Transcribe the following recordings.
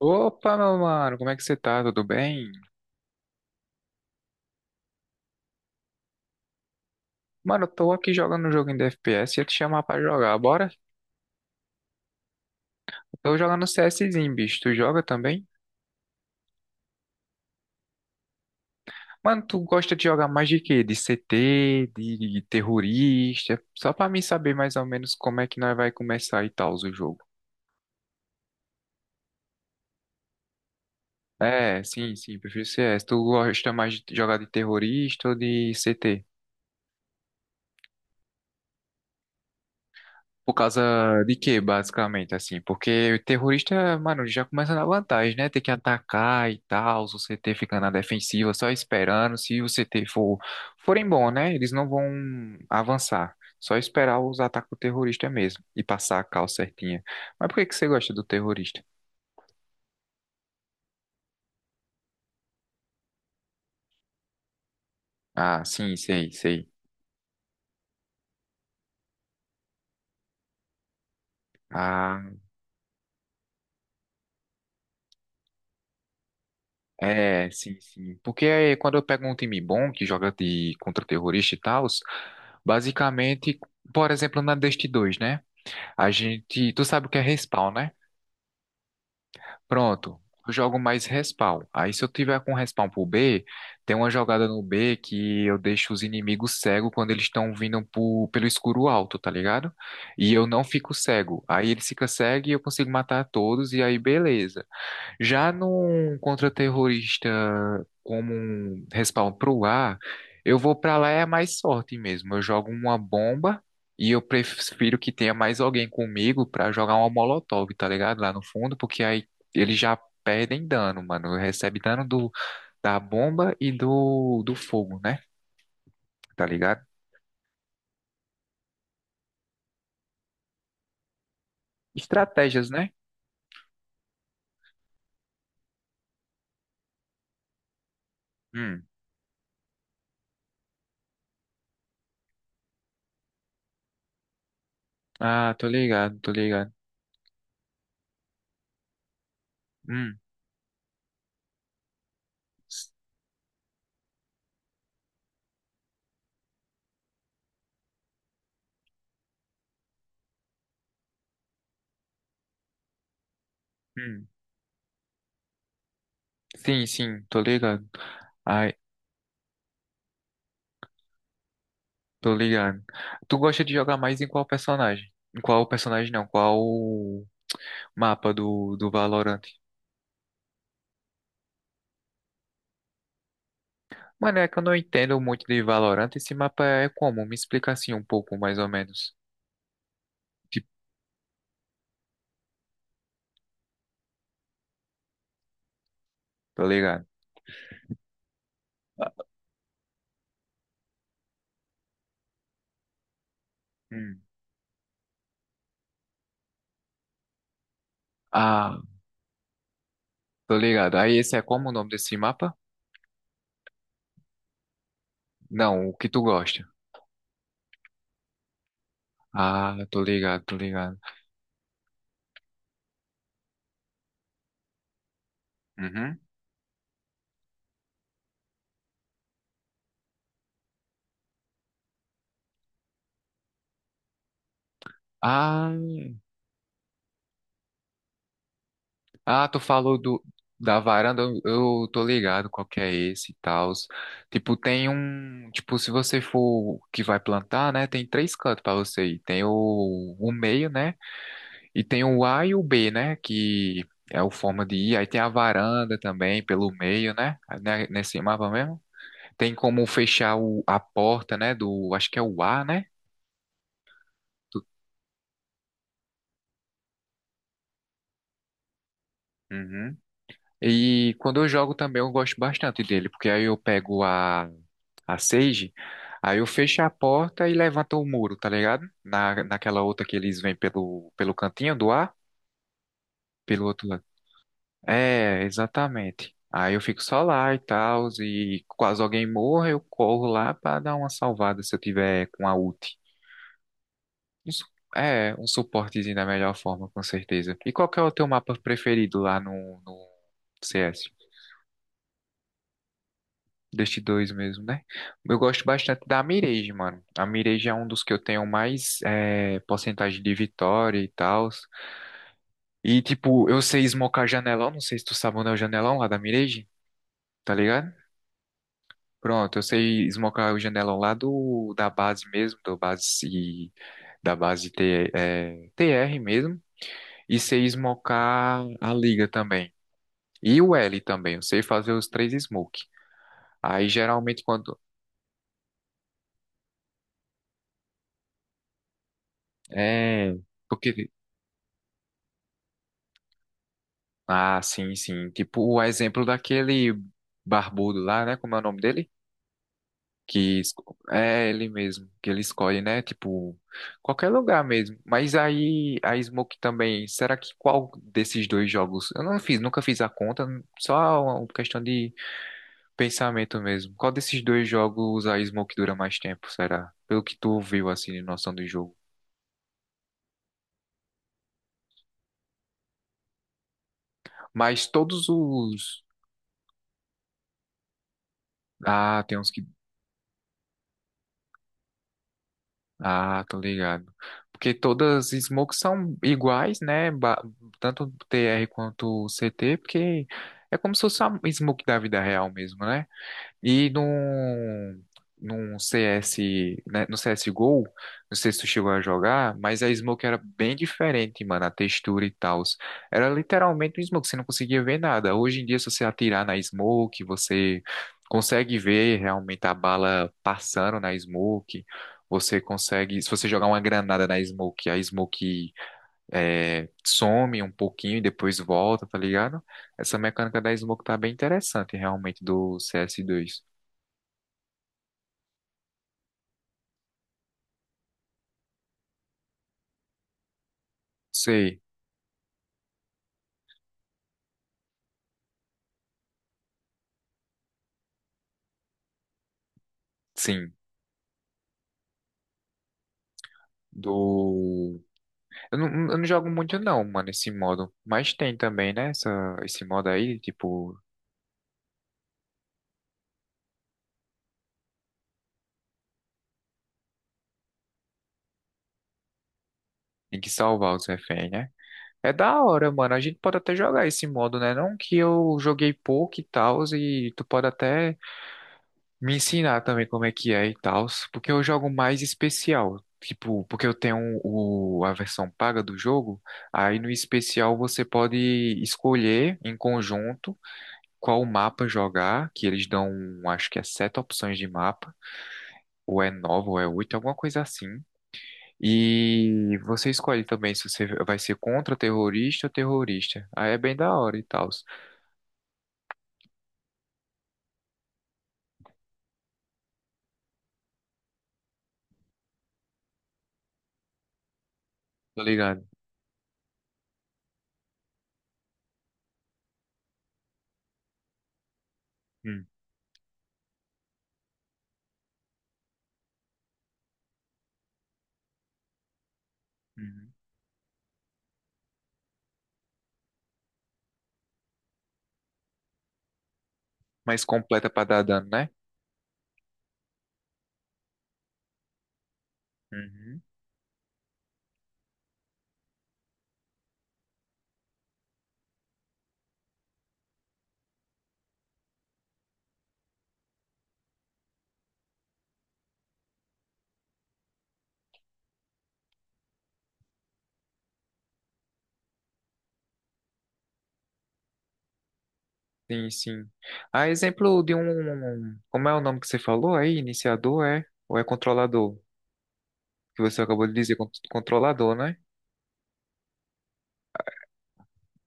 Opa, meu mano, como é que você tá? Tudo bem? Mano, eu tô aqui jogando um joguinho de FPS e ia te chamar pra jogar, bora? Eu tô jogando CSzinho, bicho. Tu joga também? Mano, tu gosta de jogar mais de quê? De CT, de terrorista? Só pra mim saber mais ou menos como é que nós vai começar e tal o jogo. É, sim, sim, prefiro CS. Tu gosta mais de jogar de terrorista ou de CT? Por causa de quê, basicamente, assim? Porque o terrorista, mano, já começa na vantagem, né? Tem que atacar e tal, se o CT fica na defensiva só esperando. Se o CT for, forem bom, né? Eles não vão avançar. Só esperar os ataques do terrorista mesmo e passar a cal certinha. Mas por que que você gosta do terrorista? Ah, sim, sei, sei. Ah, é, sim, sim. Porque aí, quando eu pego um time bom que joga de contra-terrorista e tal, basicamente, por exemplo, na Dust dois, né? A gente, tu sabe o que é respawn, né? Pronto, eu jogo mais respawn. Aí se eu tiver com respawn pro B, tem uma jogada no B que eu deixo os inimigos cegos quando eles estão vindo pelo escuro alto, tá ligado? E eu não fico cego. Aí eles ficam cegos e eu consigo matar todos e aí beleza. Já num contra-terrorista como um respawn pro ar, eu vou pra lá é mais sorte mesmo. Eu jogo uma bomba e eu prefiro que tenha mais alguém comigo pra jogar uma molotov, tá ligado? Lá no fundo, porque aí eles já perdem dano, mano. Recebe dano da bomba e do fogo, né? Tá ligado? Estratégias, né? Hum. Ah, tô ligado, tô ligado. Hum. Hum. Sim, sim, tô ligado. Ah, tô ligado. Tu gosta de jogar mais em qual personagem? Em qual personagem não? Qual mapa do Valorant? Mano, é que eu não entendo muito de Valorant. Esse mapa é como? Me explica assim um pouco, mais ou menos. Tipo, tô ligado. Hum. Ah, tô ligado. Aí esse é como o nome desse mapa? Não, o que tu gosta. Ah, tô ligado, tô ligado. Uhum. Ah, ah, tu falou da varanda, eu tô ligado qual que é esse e tal. Tipo, tem um. Tipo, se você for o que vai plantar, né? Tem três cantos pra você ir. Tem o meio, né? E tem o A e o B, né? Que é o forma de ir. Aí tem a varanda também, pelo meio, né? Né, nesse mapa mesmo. Tem como fechar a porta, né? Do. Acho que é o A, né? Do- Uhum. E quando eu jogo também eu gosto bastante dele, porque aí eu pego a Sage, aí eu fecho a porta e levanto o muro, tá ligado? Naquela outra que eles vêm pelo, pelo cantinho do ar, pelo outro lado. É, exatamente. Aí eu fico só lá e tal, e quase alguém morra, eu corro lá pra dar uma salvada se eu tiver com a ult. Um su- É, um suportezinho da melhor forma, com certeza. E qual que é o teu mapa preferido lá no, no CS? Deste dois mesmo, né? Eu gosto bastante da Mirage, mano. A Mirage é um dos que eu tenho mais porcentagem de vitória e tal. E, tipo, eu sei smocar janelão. Não sei se tu sabe onde é o janelão lá da Mirage, tá ligado? Pronto, eu sei smocar o janelão lá do, da base mesmo, do base, da base T, TR mesmo. E sei smocar a liga também. E o L também. Eu sei fazer os três smoke. Aí, geralmente, quando... É... Porque ah, sim, sim. Tipo o exemplo daquele barbudo lá, né? Como é o nome dele? Que é ele mesmo, que ele escolhe, né? Tipo, qualquer lugar mesmo. Mas aí a Smoke também, será que qual desses dois jogos? Eu não fiz, nunca fiz a conta, só uma questão de pensamento mesmo. Qual desses dois jogos a Smoke dura mais tempo, será? Pelo que tu viu assim de noção do jogo. Mas todos os ah, tem uns que ah, tô ligado. Porque todas as smokes são iguais, né? Tanto TR quanto CT, porque é como se fosse a smoke da vida real mesmo, né? E num CS, né, no CSGO, não sei se tu chegou a jogar, mas a Smoke era bem diferente, mano, a textura e tal. Era literalmente um Smoke, você não conseguia ver nada. Hoje em dia, se você atirar na Smoke, você consegue ver realmente a bala passando na Smoke. Você consegue, se você jogar uma granada na Smoke, a Smoke some um pouquinho e depois volta, tá ligado? Essa mecânica da Smoke tá bem interessante realmente do cs dois. Sei, sim. Do. Eu não jogo muito não, mano, esse modo. Mas tem também, né? Essa, esse modo aí, tipo, tem que salvar os reféns, né? É da hora, mano. A gente pode até jogar esse modo, né? Não que eu joguei pouco e tal, e tu pode até me ensinar também como é que é e tal. Porque eu jogo mais especial. Tipo, porque eu tenho a versão paga do jogo, aí no especial você pode escolher em conjunto. Qual mapa jogar, que eles dão, acho que é sete opções de mapa, ou é nove, ou é oito, alguma coisa assim. E você escolhe também se você vai ser contra terrorista ou terrorista. Aí é bem da hora e tal. Tá ligado? Hum, uhum. Mais completa pra dar dano, né? Uhum. Sim, sim. Ah, exemplo de um. Como é o nome que você falou aí? Iniciador é? Ou é controlador? Que você acabou de dizer, controlador, né?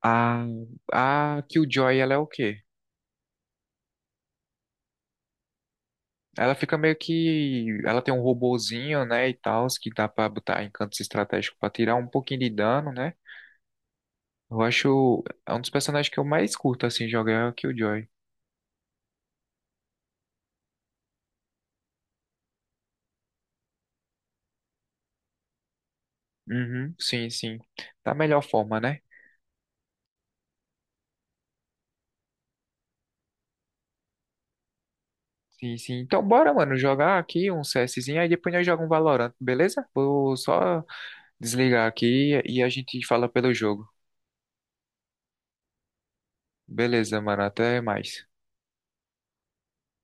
A, a Killjoy, ela é o quê? Ela fica meio que. Ela tem um robozinho, né, e tal, que dá pra botar em cantos estratégicos pra tirar um pouquinho de dano, né? Eu acho. É um dos personagens que eu mais curto, assim, jogar é o Killjoy. Uhum, sim, sim. Da melhor forma, né? Sim, sim. Então, bora, mano, jogar aqui um CSzinho, aí depois nós jogamos um Valorant, beleza? Vou só desligar aqui e a gente fala pelo jogo. Beleza, mano, até mais.